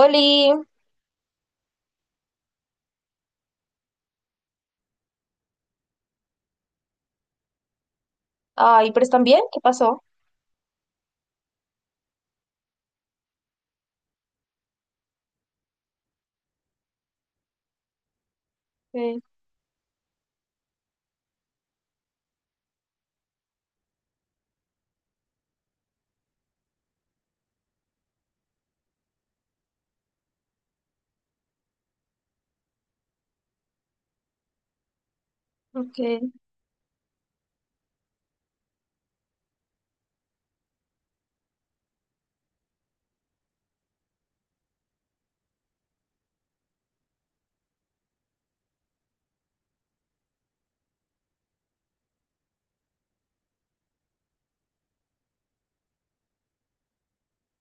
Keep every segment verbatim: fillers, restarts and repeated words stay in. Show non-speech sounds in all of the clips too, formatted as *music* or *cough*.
Oli, ay, pero están bien, ¿qué pasó? Okay, okay,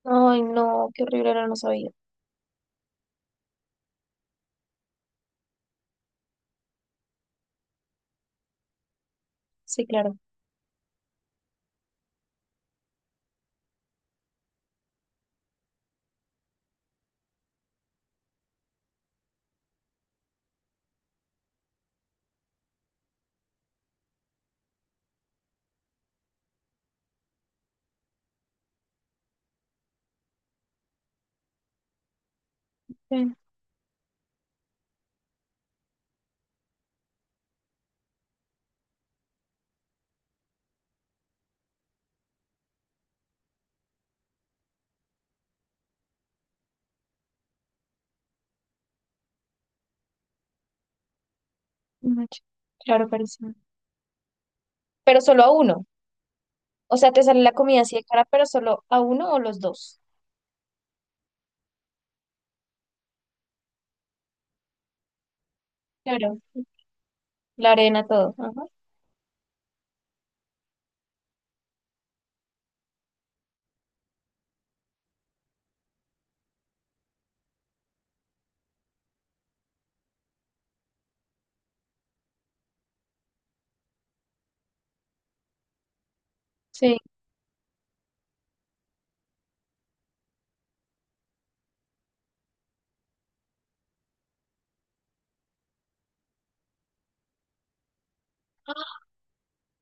ay, no, qué horrible, no lo sabía. Sí, claro. Eh, no, ch- claro, carísimo. Pero solo a uno, o sea, te sale la comida así de cara, pero solo a uno o los dos. Claro, la arena, todo. Ajá. Sí,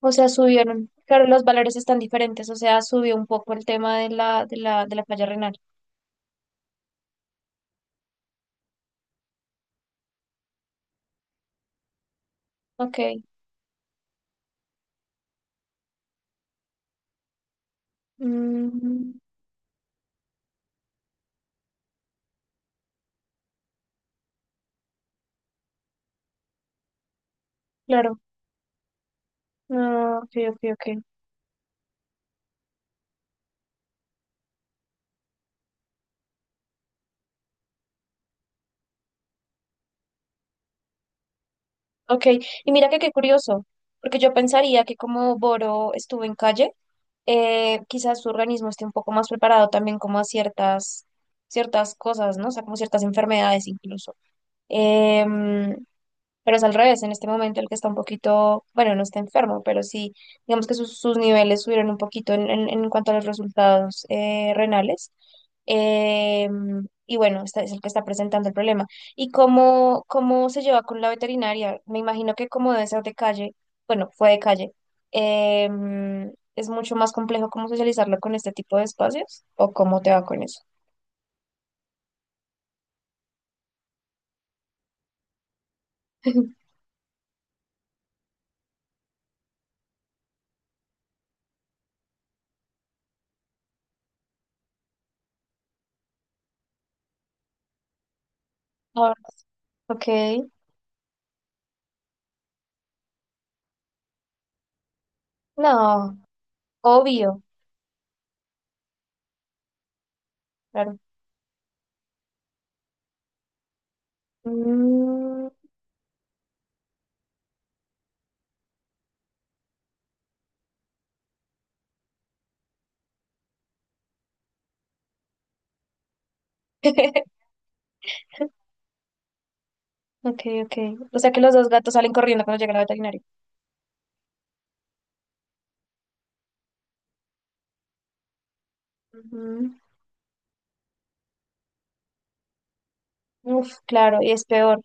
o sea, subieron. Claro, los valores están diferentes, o sea, subió un poco el tema de la, de la, de la falla renal. Ok, mm, claro, ah, ok, ok, ok. Ok, y mira que qué curioso, porque yo pensaría que como Boro estuvo en calle, eh, quizás su organismo esté un poco más preparado también como a ciertas, ciertas cosas, ¿no? O sea, como ciertas enfermedades incluso. Em, pero es al revés, en este momento el que está un poquito, bueno, no está enfermo, pero sí, digamos que sus, sus niveles subieron un poquito en, en- en cuanto a los resultados eh, renales. Eh, y bueno, este es el que está presentando el problema. ¿Y cómo, cómo se lleva con la veterinaria? Me imagino que como debe ser de calle, bueno, fue de calle, eh, es mucho más complejo cómo socializarlo con este tipo de espacios o cómo te va con eso. *laughs* Ah, Ok, no, obvio, claro. Mm, *laughs* Ok, ok. O sea que los dos gatos salen corriendo cuando llegan al veterinario. Ujú. Uf, claro, y es peor.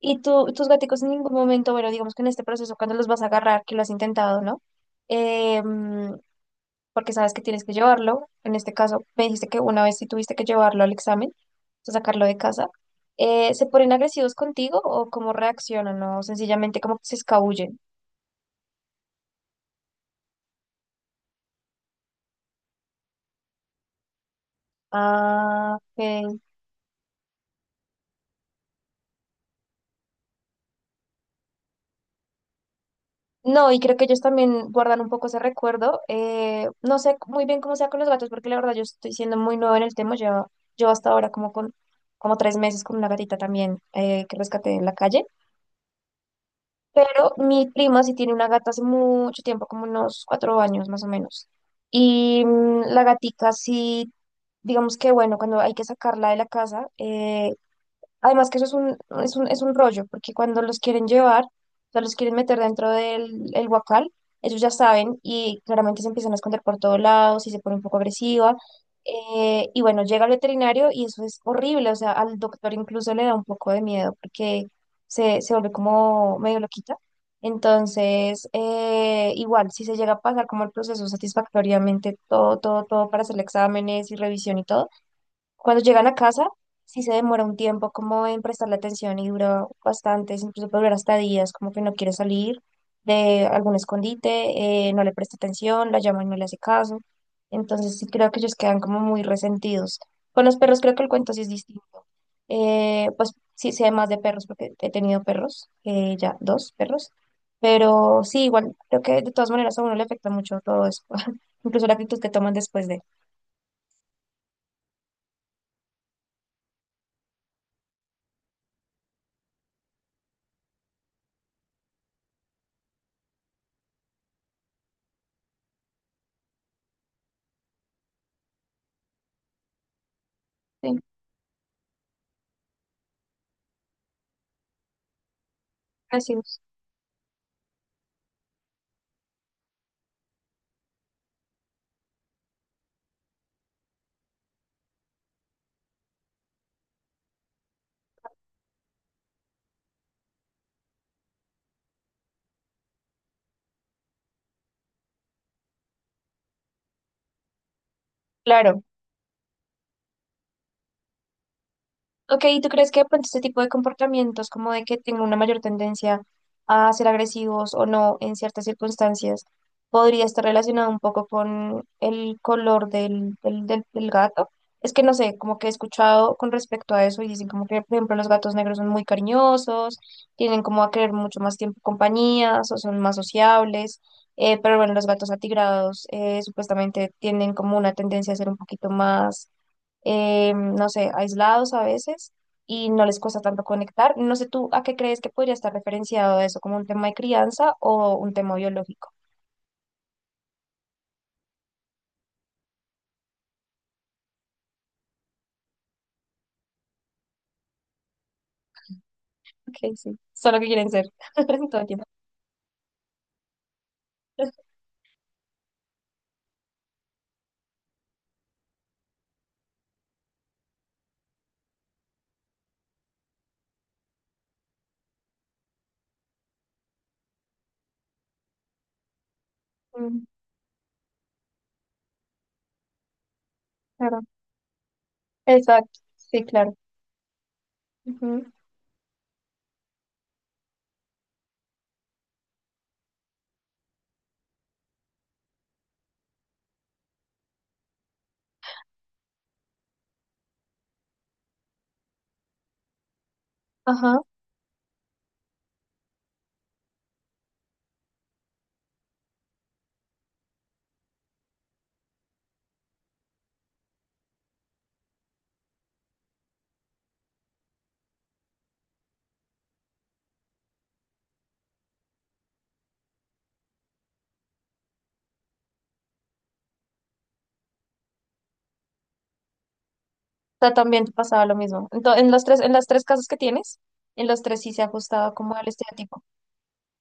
Y tú, tus gaticos en ningún momento, bueno, digamos que en este proceso, cuando los vas a agarrar, que lo has intentado, ¿no? Eh, mm, Porque sabes que tienes que llevarlo. En este caso, me dijiste que una vez sí tuviste que llevarlo al examen, o sacarlo de casa. Eh, ¿se ponen agresivos contigo o cómo reaccionan? ¿O sencillamente como que se escabullen? Ah, ok, no, y creo que ellos también guardan un poco ese recuerdo. Eh, no sé muy bien cómo sea con los gatos, porque la verdad yo estoy siendo muy nueva en el tema. Yo, yo hasta ahora como con como tres meses con una gatita también eh, que rescaté en la calle. Pero mi prima sí tiene una gata hace mucho tiempo, como unos cuatro años más o menos. Y mm, la gatica sí, digamos que bueno, cuando hay que sacarla de la casa, eh, además que eso es un, es un, es un rollo, porque cuando los quieren llevar, o sea, los quieren meter dentro del el guacal, ellos ya saben y claramente se empiezan a esconder por todos lados y se pone un poco agresiva. Eh, y bueno, llega el veterinario y eso es horrible, o sea, al doctor incluso le da un poco de miedo porque se, se vuelve como medio loquita. Entonces, eh, igual, si se llega a pasar como el proceso satisfactoriamente, todo, todo, todo para hacer exámenes y revisión y todo cuando llegan a casa, sí se demora un tiempo como en prestarle atención y dura bastante, incluso puede durar hasta días, como que no quiere salir de algún escondite, eh, no le presta atención, la llama y no le hace caso. Entonces sí creo que ellos quedan como muy resentidos. Con los perros creo que el cuento sí es distinto. Eh, pues sí sé más de perros porque he tenido perros, eh, ya dos perros, pero sí, igual creo que de todas maneras a uno le afecta mucho todo eso, *laughs* incluso la actitud que toman después de... Sí, así es. Claro. Ok, ¿y tú crees que de pronto este tipo de comportamientos, como de que tenga una mayor tendencia a ser agresivos o no en ciertas circunstancias, podría estar relacionado un poco con el color del, del, del- del gato? Es que no sé, como que he escuchado con respecto a eso y dicen como que, por ejemplo, los gatos negros son muy cariñosos, tienen como a querer mucho más tiempo compañías o son más sociables, eh, pero bueno, los gatos atigrados eh, supuestamente tienen como una tendencia a ser un poquito más eh, no sé, aislados a veces y no les cuesta tanto conectar. No sé tú a qué crees que podría estar referenciado eso, como un tema de crianza o un tema biológico. *laughs* Ok, sí, solo que quieren ser *laughs* todo el tiempo. *laughs* Mm, claro, exacto, sí, claro. Ujú, ajá, o sea, también te pasaba lo mismo. Entonces, en los tres, en las tres casas que tienes, en los tres sí se ha ajustado como al estereotipo.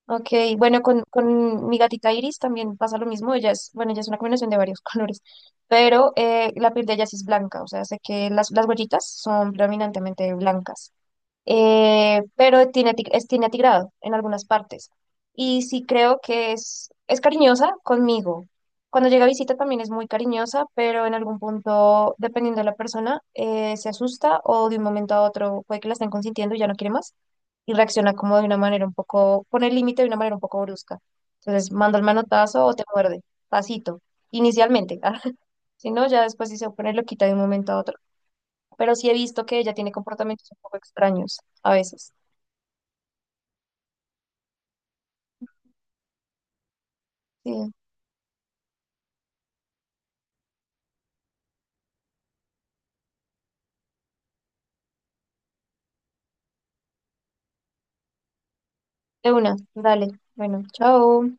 Ok, bueno, con, con mi gatita Iris también pasa lo mismo. Ella es, bueno, ella es una combinación de varios *laughs* colores, pero eh, la piel de ella sí es blanca, o sea, sé que las, las huellitas son predominantemente blancas eh, pero tiene, ati- es- tiene atigrado en algunas partes. Y sí creo que es, es cariñosa conmigo. Cuando llega a visita también es muy cariñosa, pero en algún punto, dependiendo de la persona, eh, se asusta o de un momento a otro puede que la estén consintiendo y ya no quiere más y reacciona como de una manera un poco, pone el límite de una manera un poco brusca. Entonces, manda el manotazo o te muerde, tacito, inicialmente. *laughs* ah, si no, ya después sí se pone loquita de un momento a otro. Pero sí he visto que ella tiene comportamientos un poco extraños a veces. Sí, de una, dale. Bueno, chao.